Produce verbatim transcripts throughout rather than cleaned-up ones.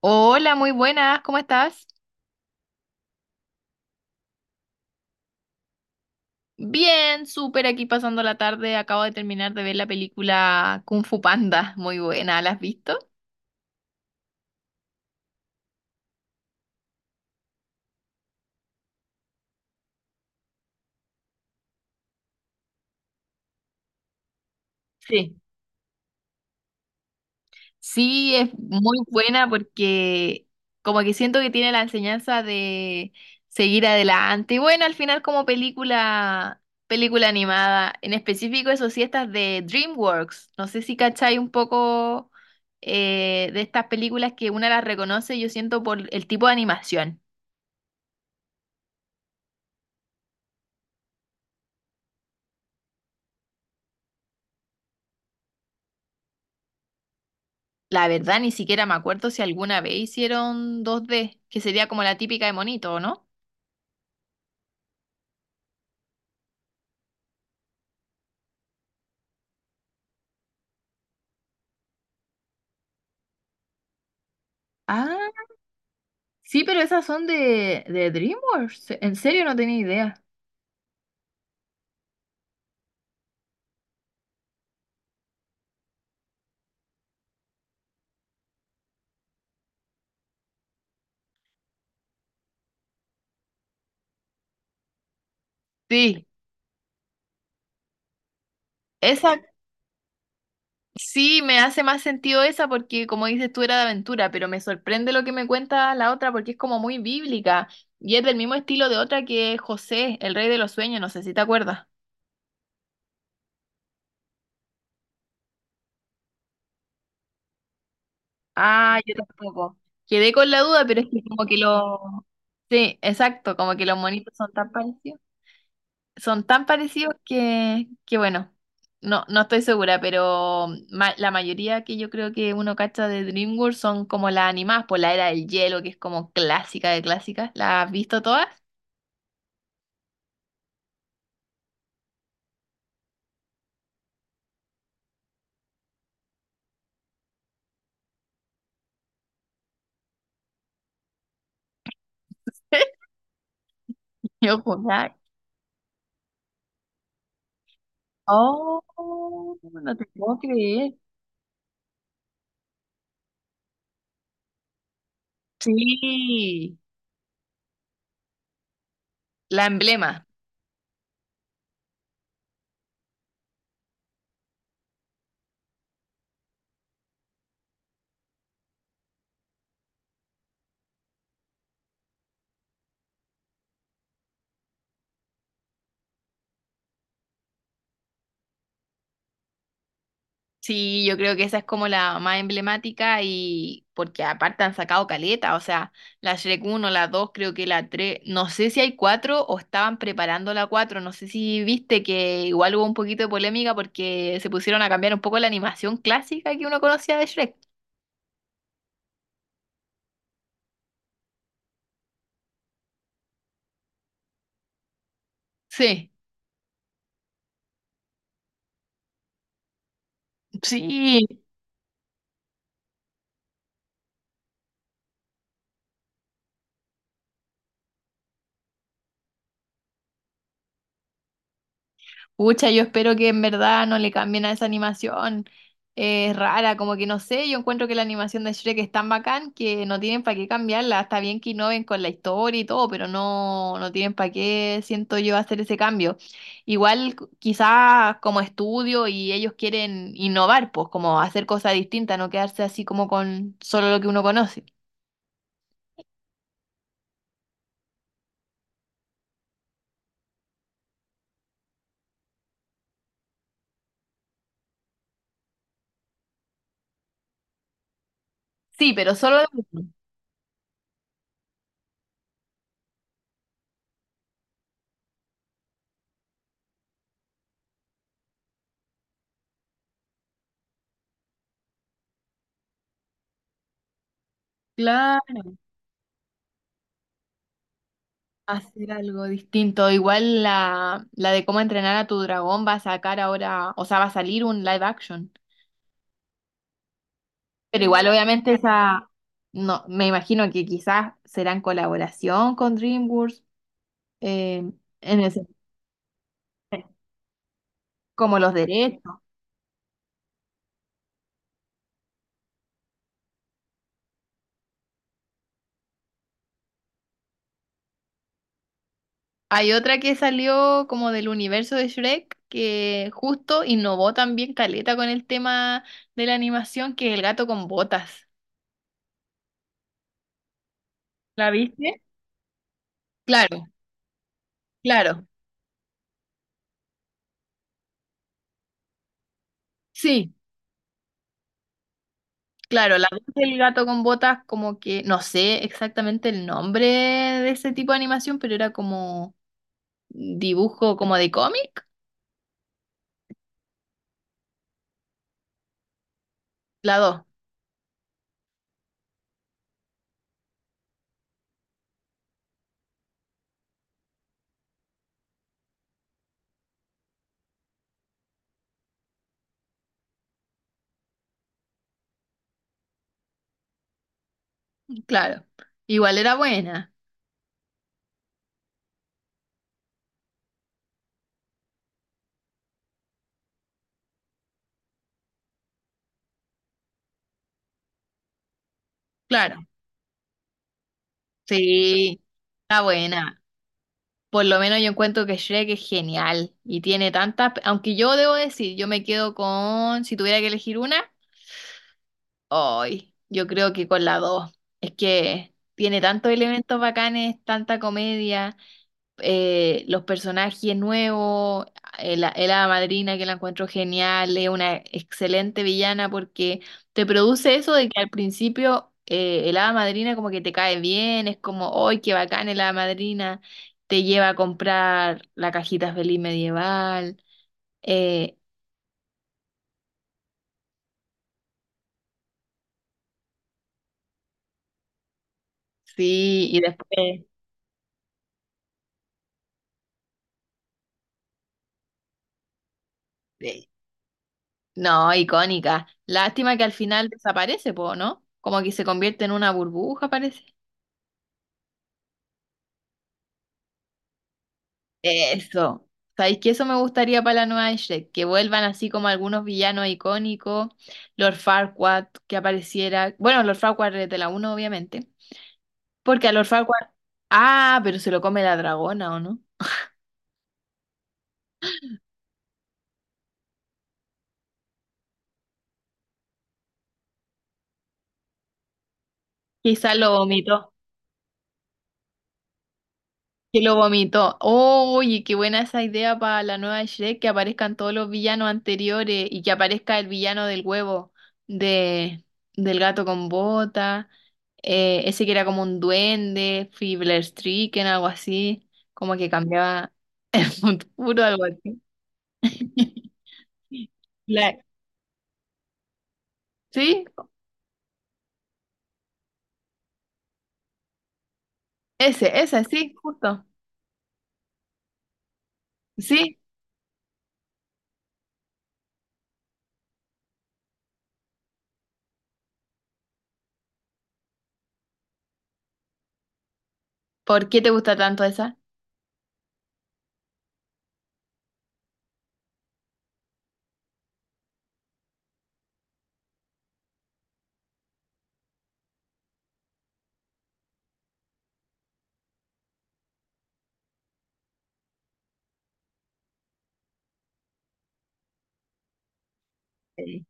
Hola, muy buenas, ¿cómo estás? Bien, súper aquí pasando la tarde. Acabo de terminar de ver la película Kung Fu Panda, muy buena, ¿la has visto? Sí, sí, es muy buena porque como que siento que tiene la enseñanza de seguir adelante. Y bueno, al final como película, película animada, en específico eso sí, estas de DreamWorks. No sé si cacháis un poco eh, de estas películas que una las reconoce, yo siento por el tipo de animación. La verdad, ni siquiera me acuerdo si alguna vez hicieron dos D, que sería como la típica de monito, ¿o no? Ah, sí, pero esas son de, de DreamWorks. En serio, no tenía idea. Sí, esa sí me hace más sentido esa porque como dices tú era de aventura, pero me sorprende lo que me cuenta la otra porque es como muy bíblica y es del mismo estilo de otra que es José, el rey de los sueños, no sé si te acuerdas. Ah, yo tampoco. Quedé con la duda, pero es que como que lo... Sí, exacto, como que los monitos son tan parecidos. Son tan parecidos que, que bueno, no, no estoy segura, pero ma- la mayoría que yo creo que uno cacha de DreamWorks son como las animadas por la Era del Hielo, que es como clásica de clásicas. ¿Las has visto todas? Yo juraba- Oh, no te puedo creer. Sí, la emblema. Sí, yo creo que esa es como la más emblemática y porque aparte han sacado caleta, o sea, la Shrek uno, la dos, creo que la tres, no sé si hay cuatro o estaban preparando la cuatro, no sé si viste que igual hubo un poquito de polémica porque se pusieron a cambiar un poco la animación clásica que uno conocía de Shrek. Sí, sí. Pucha, yo espero que en verdad no le cambien a esa animación. Eh, Es rara, como que no sé, yo encuentro que la animación de Shrek es tan bacán que no tienen para qué cambiarla. Está bien que innoven con la historia y todo, pero no, no tienen para qué, siento yo, hacer ese cambio. Igual cu- quizás como estudio y ellos quieren innovar, pues como hacer cosas distintas, no quedarse así como con solo lo que uno conoce. Sí, pero solo lo mismo. Claro. Hacer algo distinto. Igual la, la de cómo entrenar a tu dragón va a sacar ahora, o sea, va a salir un live action. Pero igual, obviamente, esa, no, me imagino que quizás será en colaboración con DreamWorks, eh, en ese, como los derechos. Hay otra que salió como del universo de Shrek, que justo innovó también caleta con el tema de la animación, que es el gato con botas. ¿La viste? Claro, claro. Sí. Claro, la voz del gato con botas, como que no sé exactamente el nombre de ese tipo de animación, pero era como dibujo como de cómic. La dos, claro. Igual era buena, claro. Sí, está buena. Por lo menos yo encuentro que Shrek es genial y tiene tantas, aunque yo debo decir, yo me quedo con, si tuviera que elegir una, hoy, yo creo que con la dos. Es que tiene tantos elementos bacanes, tanta comedia. Eh, los personajes nuevos, el, el hada madrina que la encuentro genial, es una excelente villana porque te produce eso de que al principio eh, el hada madrina como que te cae bien, es como, ¡ay, qué bacán el hada madrina! Te lleva a comprar la cajita feliz medieval, eh, sí, y después, eh, no, icónica. Lástima que al final desaparece, po, ¿no? Como que se convierte en una burbuja, parece. Eso. ¿Sabéis que eso me gustaría para la nueva de Shrek? Que vuelvan así como algunos villanos icónicos, Lord Farquaad, que apareciera. Bueno, Lord Farquaad es de la uno obviamente. Porque a Lord Farquaad. Ah, pero se lo come la dragona, ¿o no? Quizá lo vomitó. Que lo vomitó. Oye, qué buena esa idea para la nueva Shrek, que aparezcan todos los villanos anteriores y que aparezca el villano del huevo de, del gato con bota, eh, ese que era como un duende, Stricken, algo así, como que cambiaba un puro, algo así. La- ¿Sí? Ese, esa, sí, justo. Sí, ¿por qué te gusta tanto esa? Sí.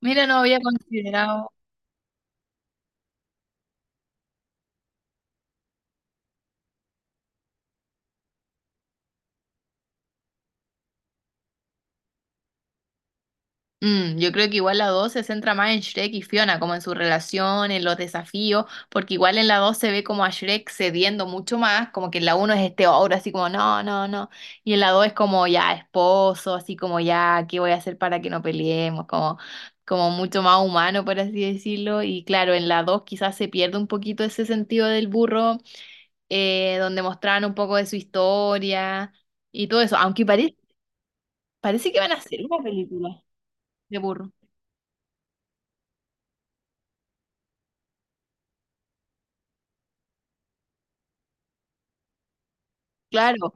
Mira, no había considerado. Mm, yo creo que igual la dos se centra más en Shrek y Fiona, como en su relación, en los desafíos, porque igual en la dos se ve como a Shrek cediendo mucho más, como que en la uno es este ogro así como no, no, no, y en la dos es como ya esposo, así como ya, ¿qué voy a hacer para que no peleemos? Como, como mucho más humano, por así decirlo, y claro, en la dos quizás se pierde un poquito ese sentido del burro, eh, donde mostraban un poco de su historia y todo eso, aunque parece, parece que van a hacer una película de burro. Claro,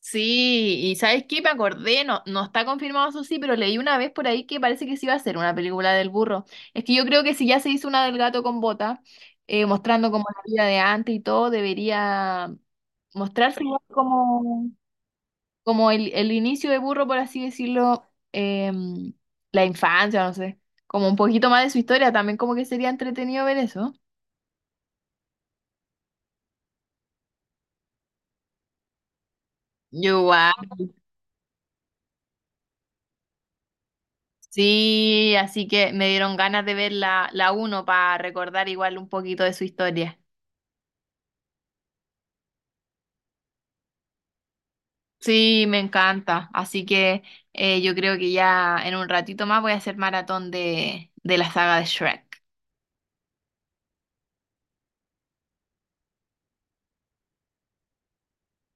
sí, y ¿sabes qué? Me acordé, no, no está confirmado eso sí, pero leí una vez por ahí que parece que sí iba a ser una película del burro. Es que yo creo que si ya se hizo una del gato con bota, eh, mostrando como la vida de antes y todo, debería mostrarse igual como, como el, el inicio de burro, por así decirlo, em, la infancia, no sé, como un poquito más de su historia, también como que sería entretenido ver eso. Yo igual. Sí, así que me dieron ganas de ver la, la uno para recordar igual un poquito de su historia. Sí, me encanta. Así que eh, yo creo que ya en un ratito más voy a hacer maratón de, de la saga de Shrek.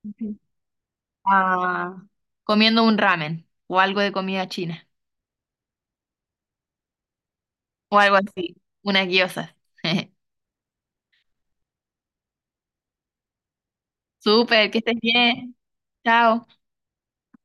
Ujú. Ah, comiendo un ramen o algo de comida china o algo así, unas gyozas. Súper, que estés bien. Chao.